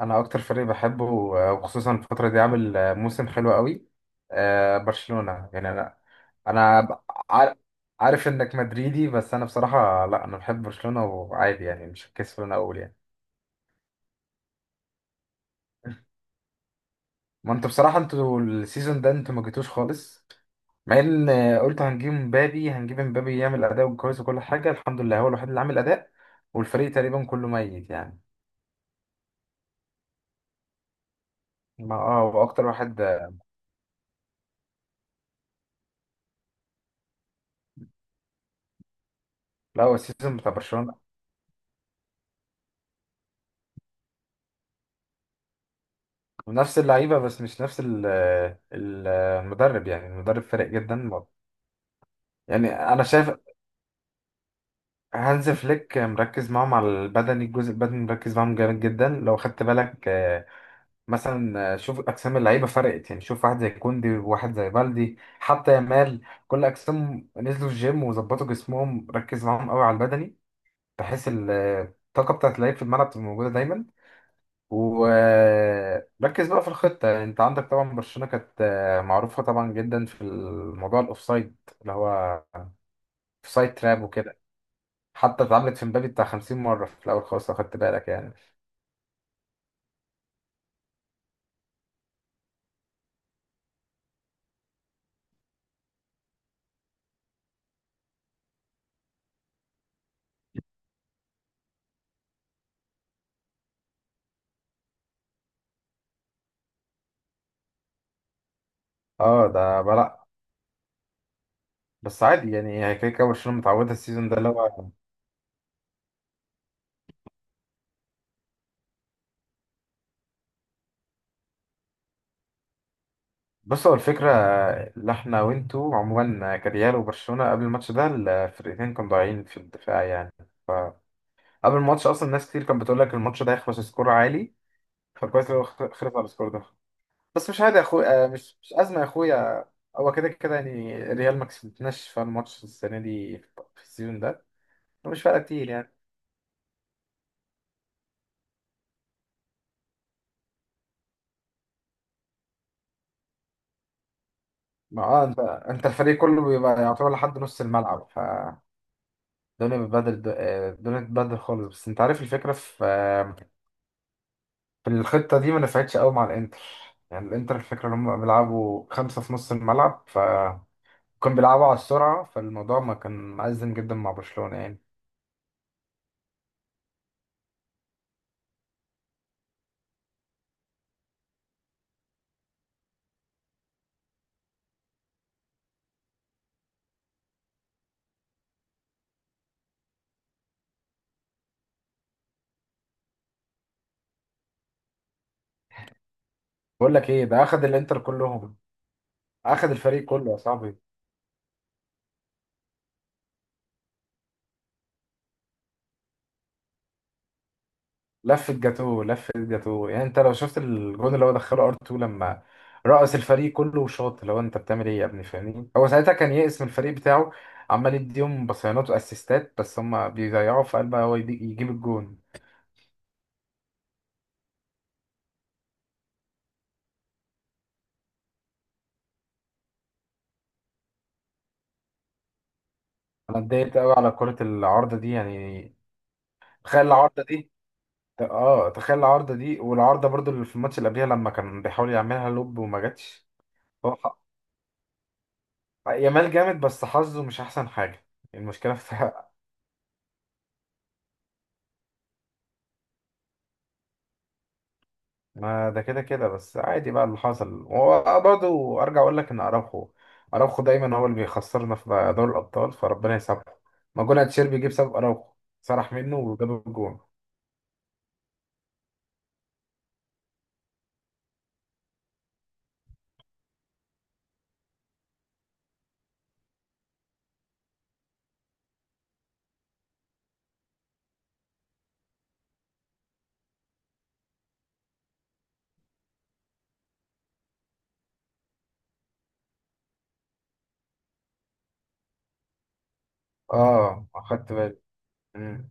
انا اكتر فريق بحبه، وخصوصا الفتره دي عامل موسم حلو قوي. برشلونه يعني انا. انا ب- عار- عارف انك مدريدي، بس انا بصراحه لا، انا بحب برشلونه وعادي يعني، مش هتكسف ان انا اقول يعني. ما انتوا بصراحه، انتوا السيزون ده انتوا ما جيتوش خالص. مع ان قلت هنجيب مبابي، هنجيب مبابي يعمل اداء كويس وكل حاجه، الحمد لله هو الوحيد اللي عامل اداء، والفريق تقريبا كله ميت يعني. ما هو اكتر واحد. لا هو السيزون بتاع برشلونه نفس اللعيبة، بس مش نفس المدرب يعني، المدرب فارق جدا برضه. يعني أنا شايف هانز فليك مركز معاهم على البدني، الجزء البدني مركز معاهم جامد جدا، لو خدت بالك. مثلا شوف أجسام اللعيبة فرقت يعني. شوف واحد زي كوندي وواحد زي بالدي حتى يامال، كل أجسام نزلوا الجيم وظبطوا جسمهم، ركز معاهم قوي على البدني، بحيث الطاقة بتاعت اللعيب في الملعب تبقى موجودة دايما. وركز بقى في الخطة. انت عندك طبعا برشلونة كانت معروفة طبعا جدا في الموضوع الاوفسايد، اللي هو اوفسايد تراب وكده. حتى اتعملت في مبابي بتاع 50 مرة في الأول خالص لو خدت بالك يعني. اه ده بلا، بس عادي يعني، هي كده كده برشلونة متعودة. السيزون ده اللي هو، بص هو الفكرة، اللي احنا وانتوا عموما كريال وبرشلونة قبل الماتش ده الفرقتين كانوا ضايعين في الدفاع يعني. فقبل الماتش أصلا ناس كتير كانت بتقول لك الماتش ده هيخلص سكور عالي. فكويس لو خلص على السكور ده. بس مش عادي يا اخويا، مش ازمه يا اخويا. هو كده كده يعني ريال ما كسبتناش في الماتش السنه دي، في السيزون ده، مش فارقه كتير يعني. ما انت الفريق كله بيبقى يعتبر لحد نص الملعب، ف الدنيا بتبدل، الدنيا بتبدل خالص. بس انت عارف الفكره في الخطه دي ما نفعتش قوي مع الانتر. يعني الانتر الفكره ان هم بيلعبوا خمسه في نص الملعب، ف كانوا بيلعبوا على السرعه، فالموضوع ما كان مأزم جدا مع برشلونه يعني. بقول لك ايه، ده اخد الانتر كلهم، اخد الفريق كله يا صاحبي. لف الجاتو لف الجاتو يعني. انت لو شفت الجون اللي هو دخله ار 2، لما رقص الفريق كله وشاط، اللي هو انت بتعمل ايه يا ابني فاهمني. هو ساعتها كان يئس من الفريق بتاعه، عمال يديهم بصيانات واسيستات بس هم بيضيعوا في قلبها، هو يجيب الجون. انا اتضايقت قوي على كرة العارضة دي يعني. تخيل العارضة دي، تخيل العارضة دي، والعارضة برضو اللي في الماتش اللي قبلها لما كان بيحاول يعملها لوب وما جاتش. هو ح- يامال جامد، بس حظه مش احسن حاجة. المشكلة في، ما ده كده كده، بس عادي بقى اللي حصل. هو برضه ارجع اقول لك ان اراوخو، اراوخو دايما هو اللي بيخسرنا في دوري الابطال، فربنا يسامحه. ما جون اتشيربي جه بسبب اراوخو، سرح منه وجاب الجون. اه، اخدت بالي. مم.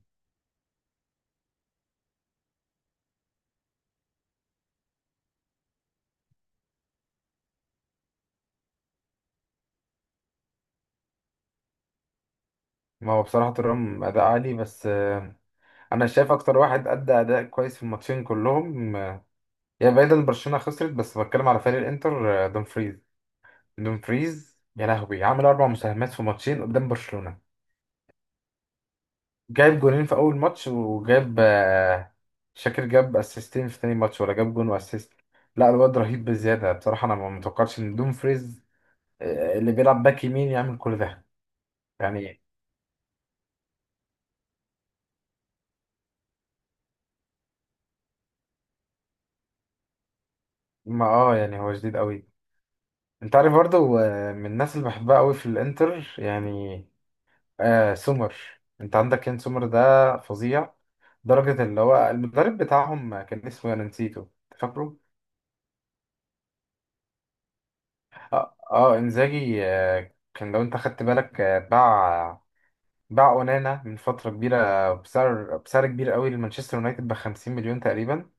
ما هو بصراحه ترام اداء عالي، بس انا شايف اكتر واحد ادى اداء كويس في الماتشين كلهم، يعني بعيدا عن برشلونه خسرت، بس بتكلم على فريق الانتر. دومفريز، دومفريز يا لهوي عمل اربع مساهمات في ماتشين قدام برشلونه. جايب جونين في اول ماتش وجاب شاكر. جاب اسيستين في تاني ماتش ولا جاب جون واسيست. لا الواد رهيب بزياده بصراحه، انا ما متوقعتش ان دوم فريز، اللي بيلعب باك يمين، يعمل كل ده. يعني ما يعني هو جديد قوي. انت عارف برضه، من الناس اللي بحبها قوي في الانتر يعني، سومر. انت عندك كان سومر ده فظيع درجة. اللي هو المدرب بتاعهم كان اسمه، انا نسيته، فاكره؟ انزاجي. كان لو انت خدت بالك، باع باع اونانا من فتره كبيره بسعر كبير قوي لمانشستر يونايتد ب 50 مليون تقريبا،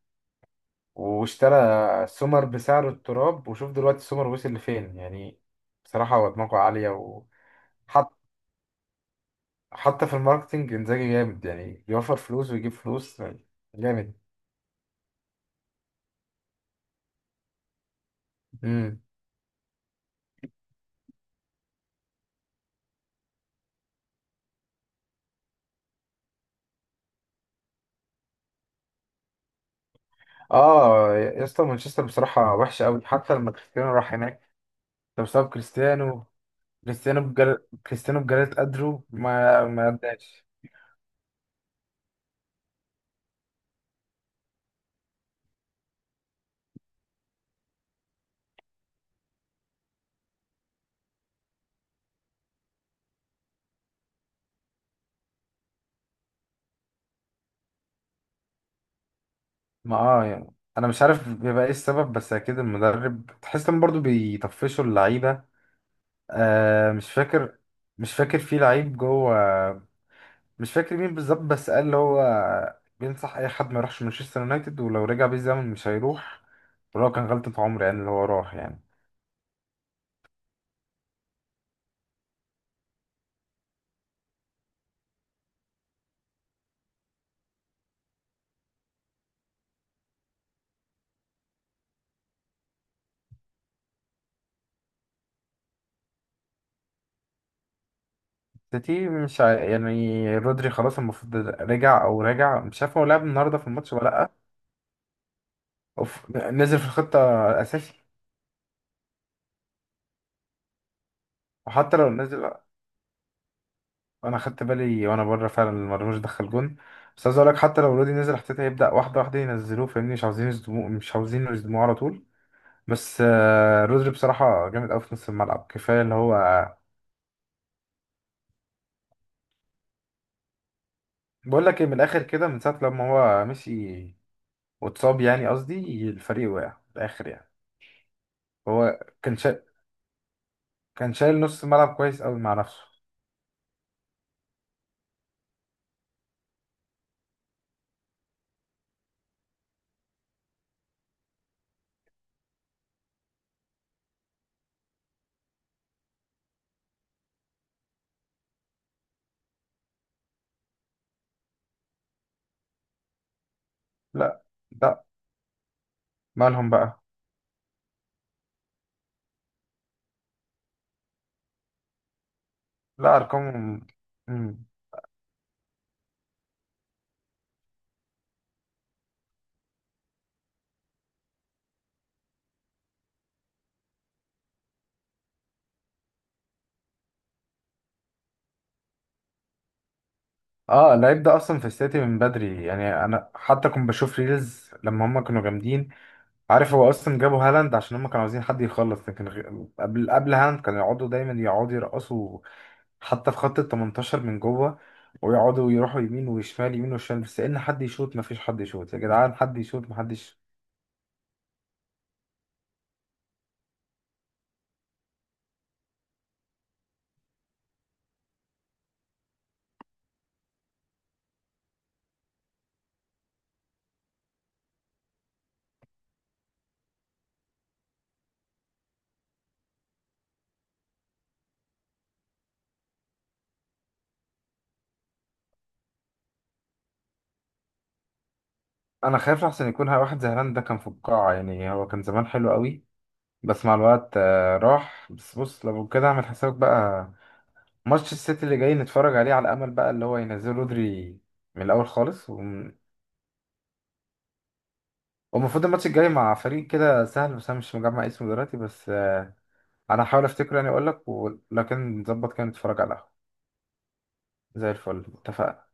واشترى سومر بسعر التراب. وشوف دلوقتي سومر وصل لفين يعني. بصراحه هو دماغه عاليه. و حط حتى في الماركتنج، انزاجي جامد يعني، بيوفر فلوس ويجيب فلوس يعني، جامد. امم. اه يا اسطى مانشستر بصراحه وحشه قوي، حتى لما كريستيانو راح هناك ده بسبب كريستيانو. كريستيانو بجل... كريستيانو بجلد قدره ما اداش. ما يعني انا مش عارف بيبقى ايه السبب، بس اكيد المدرب تحس ان برضه بيطفشوا اللعيبه. مش فاكر، مش فاكر في لعيب جوه، مش فاكر مين بالظبط، بس قال اللي هو بينصح اي حد ما يروحش مانشستر يونايتد، ولو رجع بيه الزمن مش هيروح، ولو كان غلطة عمر يعني اللي هو راح يعني. سيتي مش ع... يعني رودري خلاص المفروض رجع او راجع، مش عارف هو لعب النهارده في الماتش ولا لا. أو نزل في الخطه اساسي. وحتى لو نزل، انا خدت بالي وانا بره فعلا لما مرموش دخل جون. بس عايز اقول لك حتى لو رودي نزل احتياط هيبدا واحده واحده ينزلوه، فاهمني؟ مش عاوزين يصدموه، مش عاوزين يصدموه على طول. بس رودري بصراحه جامد قوي في نص الملعب، كفايه اللي هو. بقول لك ايه، من الاخر كده، من ساعه لما هو مشي واتصاب، يعني قصدي الفريق وقع في الاخر يعني. هو كان شايل نص الملعب كويس قوي مع نفسه. لا لا، مالهم بقى؟ لا، ارقامهم. اه، اللعيب ده اصلا في السيتي من بدري يعني، انا حتى كنت بشوف ريلز لما هم كانوا جامدين. عارف هو اصلا جابوا هالاند عشان هم كانوا عاوزين حد يخلص، لكن قبل هالاند كانوا يقعدوا دايما يقعدوا يرقصوا. حتى في خط ال 18 من جوه، ويقعدوا يروحوا يمين وشمال يمين وشمال، بس ان حد يشوط ما فيش. حد يشوط يا جدعان، حد يشوط ما حدش. انا خايف احسن يكون واحد زي هالاند ده كان في القاعة يعني، هو كان زمان حلو قوي بس مع الوقت راح. بس بص، لو كده اعمل حسابك بقى، ماتش السيتي اللي جاي نتفرج عليه على امل بقى اللي هو ينزل رودري من الاول خالص والمفروض الماتش الجاي مع فريق كده سهل، بس انا مش مجمع اسمه دلوقتي، بس انا هحاول افتكره يعني اقول لك، ولكن نظبط كده نتفرج على القهوة زي الفل، اتفقنا.